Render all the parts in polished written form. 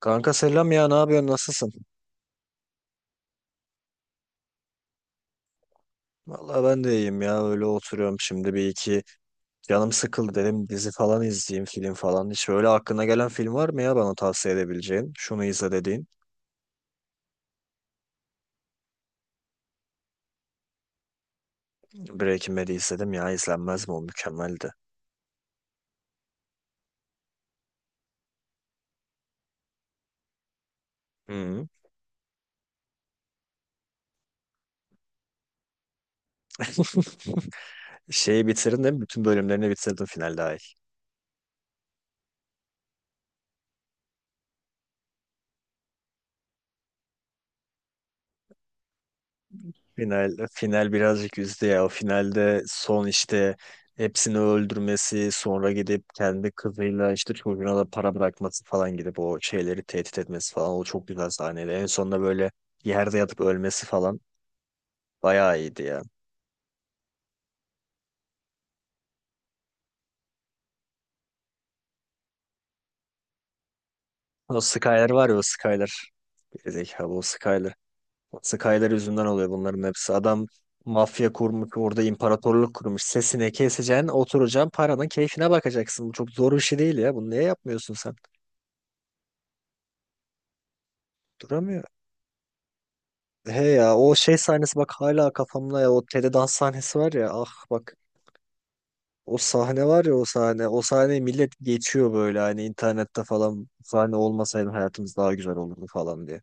Kanka selam ya, ne yapıyorsun, nasılsın? Vallahi ben de iyiyim ya, öyle oturuyorum şimdi. Bir iki canım sıkıldı, dedim dizi falan izleyeyim, film falan. Hiç öyle aklına gelen film var mı ya, bana tavsiye edebileceğin? Şunu izle dediğin. Breaking Bad'i izledim ya, izlenmez mi, o mükemmeldi. Hı. Şeyi bitirdin değil mi? Bütün bölümlerini bitirdin finalde. Final birazcık üzdü ya. O finalde son işte hepsini öldürmesi, sonra gidip kendi kızıyla işte çocuğuna da para bırakması falan, gidip o şeyleri tehdit etmesi falan, o çok güzel sahneydi. En sonunda böyle yerde yatıp ölmesi falan bayağı iyiydi ya. O Skyler var ya, o Skyler. Gerizekalı o Skyler. O Skyler yüzünden oluyor bunların hepsi. Adam mafya kurmuş orada, imparatorluk kurmuş. Sesini keseceksin, oturacaksın, paranın keyfine bakacaksın. Bu çok zor bir şey değil ya. Bunu niye yapmıyorsun sen? Duramıyor. He ya, o şey sahnesi bak hala kafamda ya, o Tele dans sahnesi var ya, ah bak, o sahne var ya o sahne, o sahneyi millet geçiyor böyle hani internette falan, "Bu sahne olmasaydı hayatımız daha güzel olurdu" falan diye.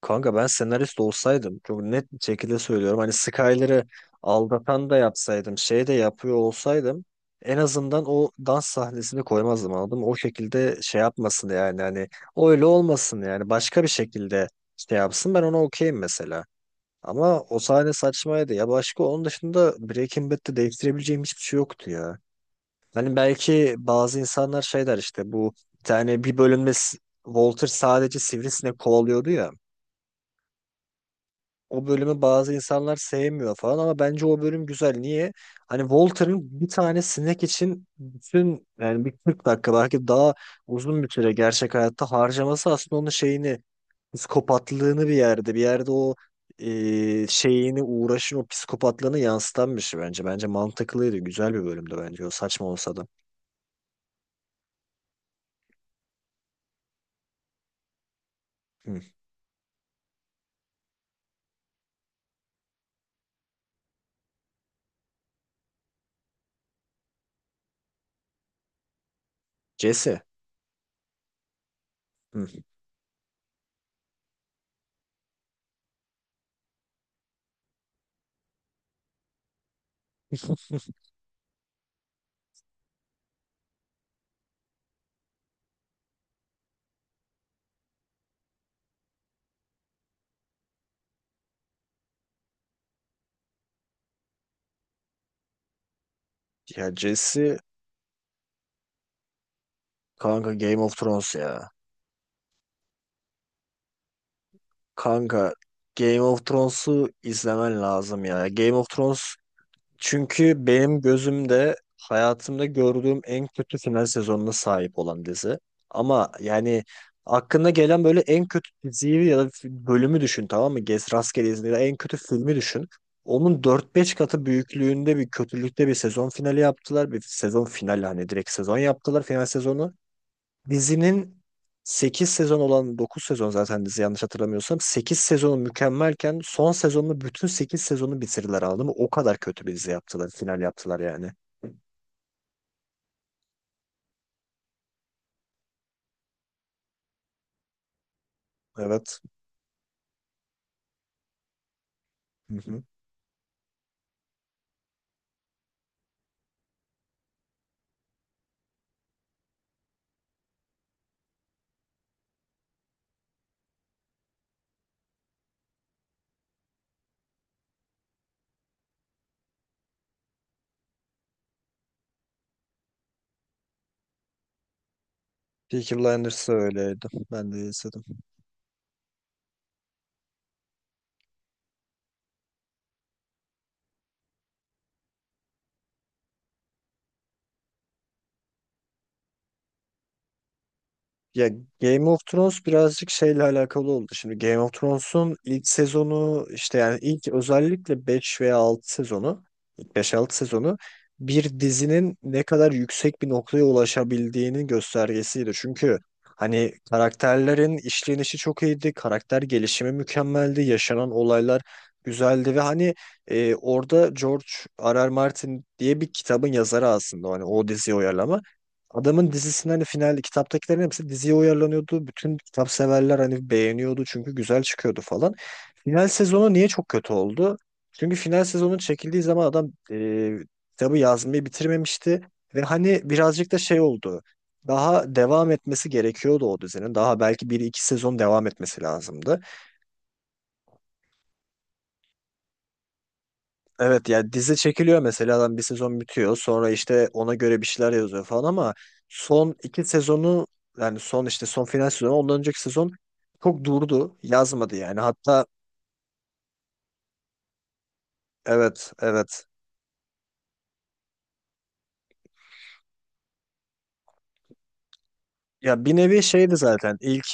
Kanka ben senarist olsaydım, çok net bir şekilde söylüyorum, hani Skyler'ı aldatan da yapsaydım, şey de yapıyor olsaydım, en azından o dans sahnesini koymazdım, anladın mı? O şekilde şey yapmasın yani, hani öyle olmasın yani, başka bir şekilde şey yapsın, ben ona okeyim mesela. Ama o sahne saçmaydı. Ya başka onun dışında Breaking Bad'de değiştirebileceğim hiçbir şey yoktu ya. Hani belki bazı insanlar şey der işte, bu bir tane bir bölümde Walter sadece sivrisinek kovalıyordu ya, o bölümü bazı insanlar sevmiyor falan, ama bence o bölüm güzel. Niye? Hani Walter'ın bir tane sinek için bütün, yani bir 40 dakika belki daha uzun bir süre gerçek hayatta harcaması, aslında onun şeyini, psikopatlığını, bir yerde o şeyini, uğraşın, o psikopatlığını yansıtan bir şey bence. Bence mantıklıydı. Güzel bir bölümdü bence. O saçma olsa da. Hı. Jesse. Hı. Ya Jesse, kanka Game of Thrones ya. Kanka Game of Thrones'u izlemen lazım ya. Game of Thrones, çünkü benim gözümde hayatımda gördüğüm en kötü final sezonuna sahip olan dizi. Ama yani aklına gelen böyle en kötü diziyi ya da bölümü düşün, tamam mı? Gez rastgele izle ya, en kötü filmi düşün. Onun dört beş katı büyüklüğünde bir kötülükte bir sezon finali yaptılar. Bir sezon finali, hani direkt sezon yaptılar, final sezonu. Dizinin 8 sezon olan, 9 sezon zaten dizi yanlış hatırlamıyorsam, 8 sezonu mükemmelken son sezonunu, bütün 8 sezonu bitirdiler, anladın mı? O kadar kötü bir dizi yaptılar, final yaptılar yani. Evet. Hı hı. Peaky Blinders da öyleydi. Ben de izledim. Ya Game of Thrones birazcık şeyle alakalı oldu. Şimdi Game of Thrones'un ilk sezonu işte, yani ilk, özellikle beş veya 6 sezonu, ilk 5 6 sezonu, bir dizinin ne kadar yüksek bir noktaya ulaşabildiğinin göstergesiydi. Çünkü hani karakterlerin işlenişi çok iyiydi, karakter gelişimi mükemmeldi, yaşanan olaylar güzeldi ve hani orada George R. R. Martin diye bir kitabın yazarı aslında, hani o diziyi uyarlama. Adamın dizisinin hani final, kitaptakilerin hepsi diziye uyarlanıyordu. Bütün kitap severler hani beğeniyordu çünkü güzel çıkıyordu falan. Final sezonu niye çok kötü oldu? Çünkü final sezonun çekildiği zaman adam kitabı yazmayı bitirmemişti. Ve hani birazcık da şey oldu. Daha devam etmesi gerekiyordu o dizinin. Daha belki bir iki sezon devam etmesi lazımdı. Evet ya, dizi çekiliyor mesela, adam bir sezon bitiyor, sonra işte ona göre bir şeyler yazıyor falan, ama son iki sezonu, yani son işte son final sezonu, ondan önceki sezon, çok durdu, yazmadı yani, hatta evet evet. Ya bir nevi şeydi zaten, ilk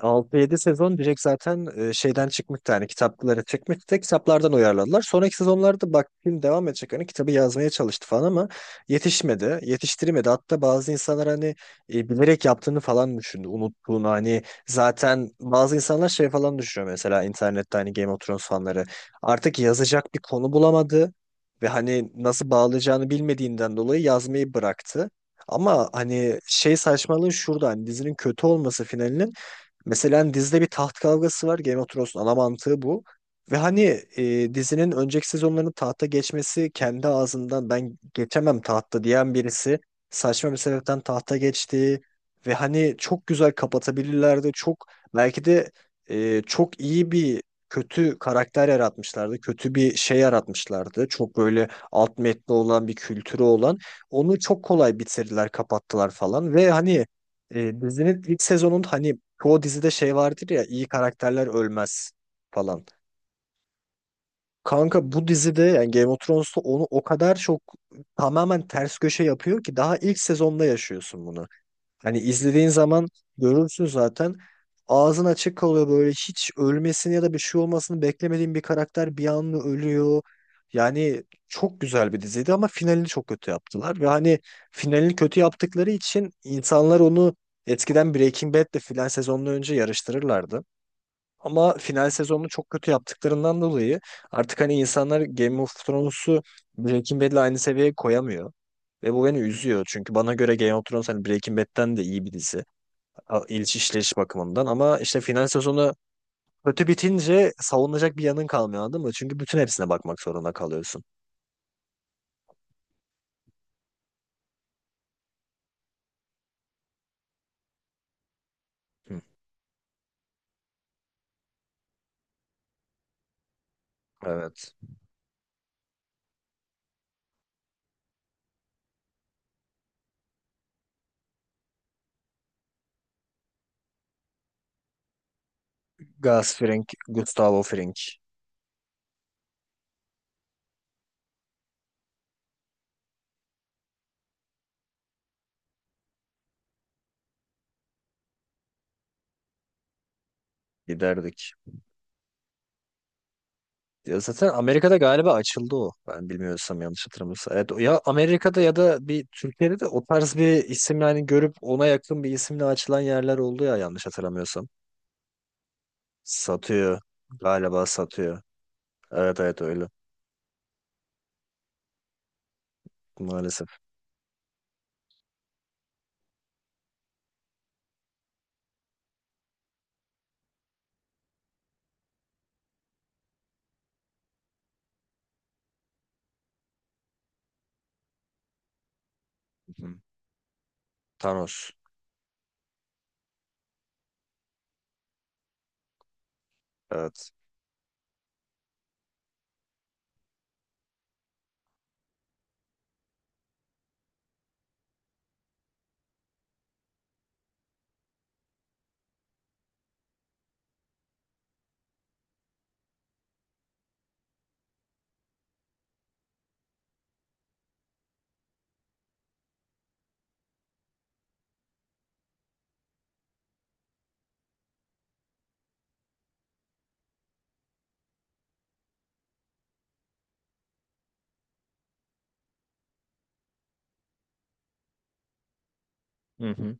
altı yedi sezon direkt zaten şeyden çıkmıştı, hani kitaplara çıkmıştı da, kitaplardan uyarladılar. Sonraki sezonlarda bak, film devam edecek, hani kitabı yazmaya çalıştı falan ama yetişmedi, yetiştiremedi. Hatta bazı insanlar hani bilerek yaptığını falan düşündü, unuttuğunu hani, zaten bazı insanlar şey falan düşünüyor mesela internette, hani Game of Thrones fanları, artık yazacak bir konu bulamadı. Ve hani nasıl bağlayacağını bilmediğinden dolayı yazmayı bıraktı. Ama hani şey saçmalığı şurada, hani dizinin kötü olması finalinin, mesela hani dizide bir taht kavgası var. Game of Thrones'un ana mantığı bu. Ve hani dizinin önceki sezonlarının, tahta geçmesi kendi ağzından ben geçemem tahta diyen birisi, saçma bir sebepten tahta geçti. Ve hani çok güzel kapatabilirlerdi. Çok belki de çok iyi bir kötü karakter yaratmışlardı. Kötü bir şey yaratmışlardı. Çok böyle alt metni olan, bir kültürü olan. Onu çok kolay bitirdiler, kapattılar falan. Ve hani dizinin ilk sezonun hani, çoğu dizide şey vardır ya, iyi karakterler ölmez falan. Kanka bu dizide, yani Game of Thrones'ta onu o kadar çok tamamen ters köşe yapıyor ki, daha ilk sezonda yaşıyorsun bunu. Hani izlediğin zaman görürsün zaten, ağzın açık kalıyor böyle, hiç ölmesini ya da bir şey olmasını beklemediğin bir karakter bir anda ölüyor. Yani çok güzel bir diziydi ama finalini çok kötü yaptılar ve hani finalini kötü yaptıkları için insanlar onu eskiden Breaking Bad'le filan sezondan önce yarıştırırlardı. Ama final sezonunu çok kötü yaptıklarından dolayı artık hani insanlar Game of Thrones'u Breaking Bad'le aynı seviyeye koyamıyor. Ve bu beni üzüyor. Çünkü bana göre Game of Thrones hani Breaking Bad'den de iyi bir dizi. İliş işleyiş bakımından. Ama işte final sezonu kötü bitince savunacak bir yanın kalmıyor, anladın mı? Çünkü bütün hepsine bakmak zorunda kalıyorsun. Hı. Evet. Gus Fring, Gustavo Fring, giderdik. Ya zaten Amerika'da galiba açıldı o. Ben bilmiyorsam, yanlış hatırlamıyorsam. Evet, ya Amerika'da ya da bir Türkiye'de de o tarz bir isim, yani görüp ona yakın bir isimle açılan yerler oldu ya, yanlış hatırlamıyorsam. Satıyor. Galiba satıyor. Evet evet, öyle. Maalesef. Hı. Thanos. Evet. Hı hı.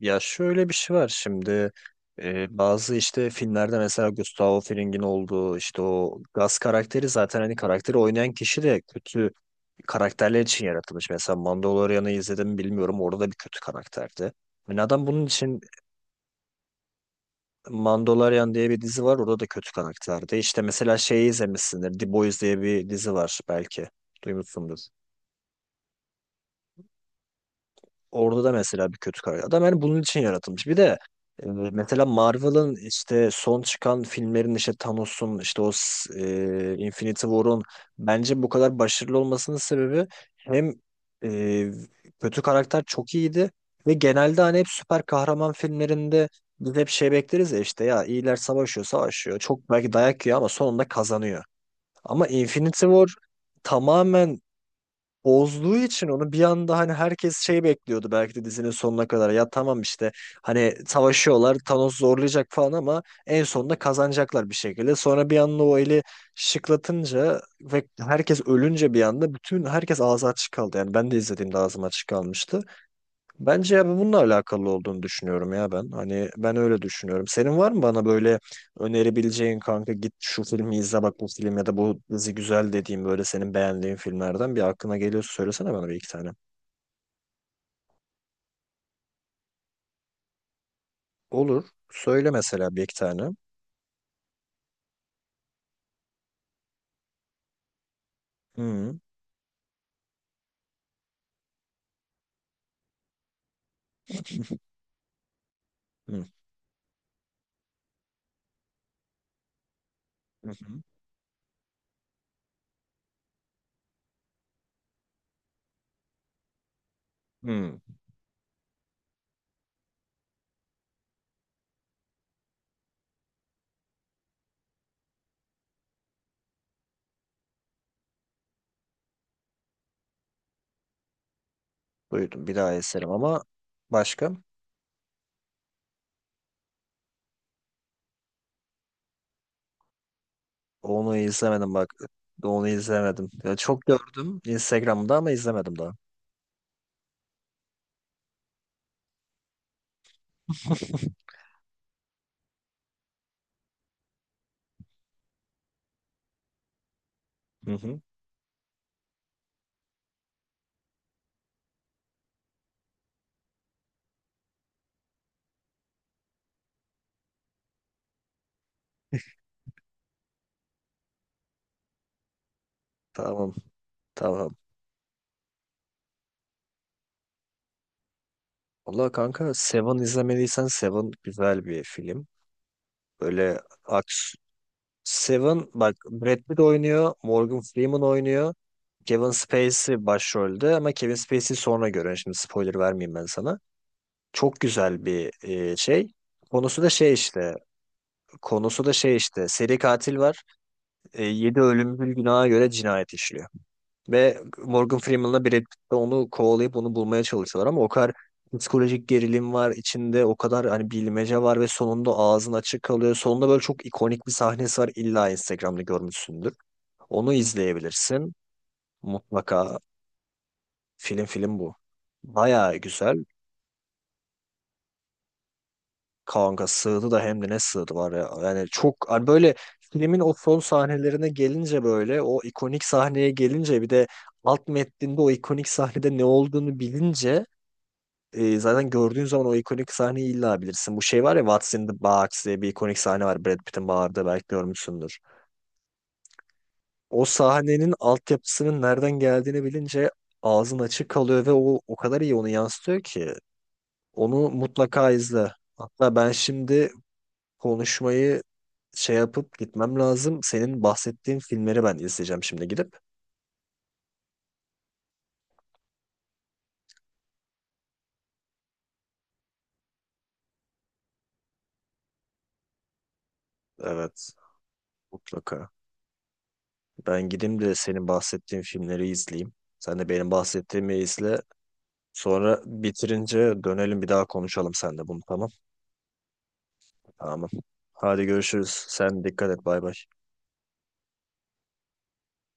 Ya şöyle bir şey var şimdi, bazı işte filmlerde mesela Gustavo Fring'in olduğu işte o gaz karakteri, zaten hani karakteri oynayan kişi de kötü karakterler için yaratılmış. Mesela Mandalorian'ı izledim mi bilmiyorum, orada da bir kötü karakterdi. Yani adam bunun için, Mandalorian diye bir dizi var, orada da kötü karakterdi. İşte mesela şeyi izlemişsindir, The Boys diye bir dizi var, belki duymuşsundur. Orada da mesela bir kötü karakter. Adam yani bunun için yaratılmış. Bir de mesela Marvel'ın işte son çıkan filmlerin, işte Thanos'un, işte o Infinity War'un bence bu kadar başarılı olmasının sebebi, hem e, kötü karakter çok iyiydi, ve genelde hani hep süper kahraman filmlerinde biz hep şey bekleriz ya, işte ya iyiler savaşıyor savaşıyor, çok belki dayak yiyor ama sonunda kazanıyor. Ama Infinity War tamamen bozduğu için onu, bir anda hani herkes şey bekliyordu belki de dizinin sonuna kadar. Ya tamam işte hani savaşıyorlar, Thanos zorlayacak falan, ama en sonunda kazanacaklar bir şekilde. Sonra bir anda o eli şıklatınca ve herkes ölünce, bir anda bütün herkes ağzı açık kaldı. Yani ben de izlediğimde ağzım açık kalmıştı. Bence abi bununla alakalı olduğunu düşünüyorum ya ben. Hani ben öyle düşünüyorum. Senin var mı bana böyle önerebileceğin, kanka git şu filmi izle, bak bu film ya da bu dizi güzel dediğim böyle senin beğendiğin filmlerden bir aklına geliyorsa söylesene bana, bir iki tane. Olur. Söyle mesela bir iki tane. Hı hı, hı hı. Hı. Duydum, bir daha izlerim ama başka? Onu izlemedim bak. Onu izlemedim. Ya çok gördüm Instagram'da ama izlemedim daha. Hı hı. Tamam. Tamam. Valla kanka, Seven izlemediysen Seven güzel bir film. Böyle aks. Seven bak, Brad Pitt oynuyor, Morgan Freeman oynuyor. Kevin Spacey başrolde, ama Kevin Spacey'i sonra görün. Şimdi spoiler vermeyeyim ben sana. Çok güzel bir şey. Konusu da şey işte. Konusu da şey işte. Seri katil var. 7 ölümcül günaha göre cinayet işliyor. Ve Morgan Freeman'la Brad Pitt de onu kovalayıp onu bulmaya çalışıyorlar, ama o kadar psikolojik gerilim var içinde, o kadar hani bilmece var, ve sonunda ağzın açık kalıyor. Sonunda böyle çok ikonik bir sahnesi var, illa Instagram'da görmüşsündür. Onu izleyebilirsin mutlaka, film, film bu. Bayağı güzel. Kanka, sığdı da hem de ne sığdı var ya. Yani çok hani böyle, filmin o son sahnelerine gelince, böyle o ikonik sahneye gelince, bir de alt metninde o ikonik sahnede ne olduğunu bilince, zaten gördüğün zaman o ikonik sahneyi illa bilirsin. Bu şey var ya, What's in the Box diye bir ikonik sahne var, Brad Pitt'in bağırdığı, belki görmüşsündür. O sahnenin altyapısının nereden geldiğini bilince ağzın açık kalıyor, ve o, o kadar iyi onu yansıtıyor ki. Onu mutlaka izle. Hatta ben şimdi konuşmayı şey yapıp gitmem lazım. Senin bahsettiğin filmleri ben izleyeceğim şimdi gidip. Evet, mutlaka. Ben gideyim de senin bahsettiğin filmleri izleyeyim. Sen de benim bahsettiğimi izle. Sonra bitirince dönelim, bir daha konuşalım sen de bunu, tamam. Tamam. Hadi görüşürüz. Sen dikkat et, bay bay.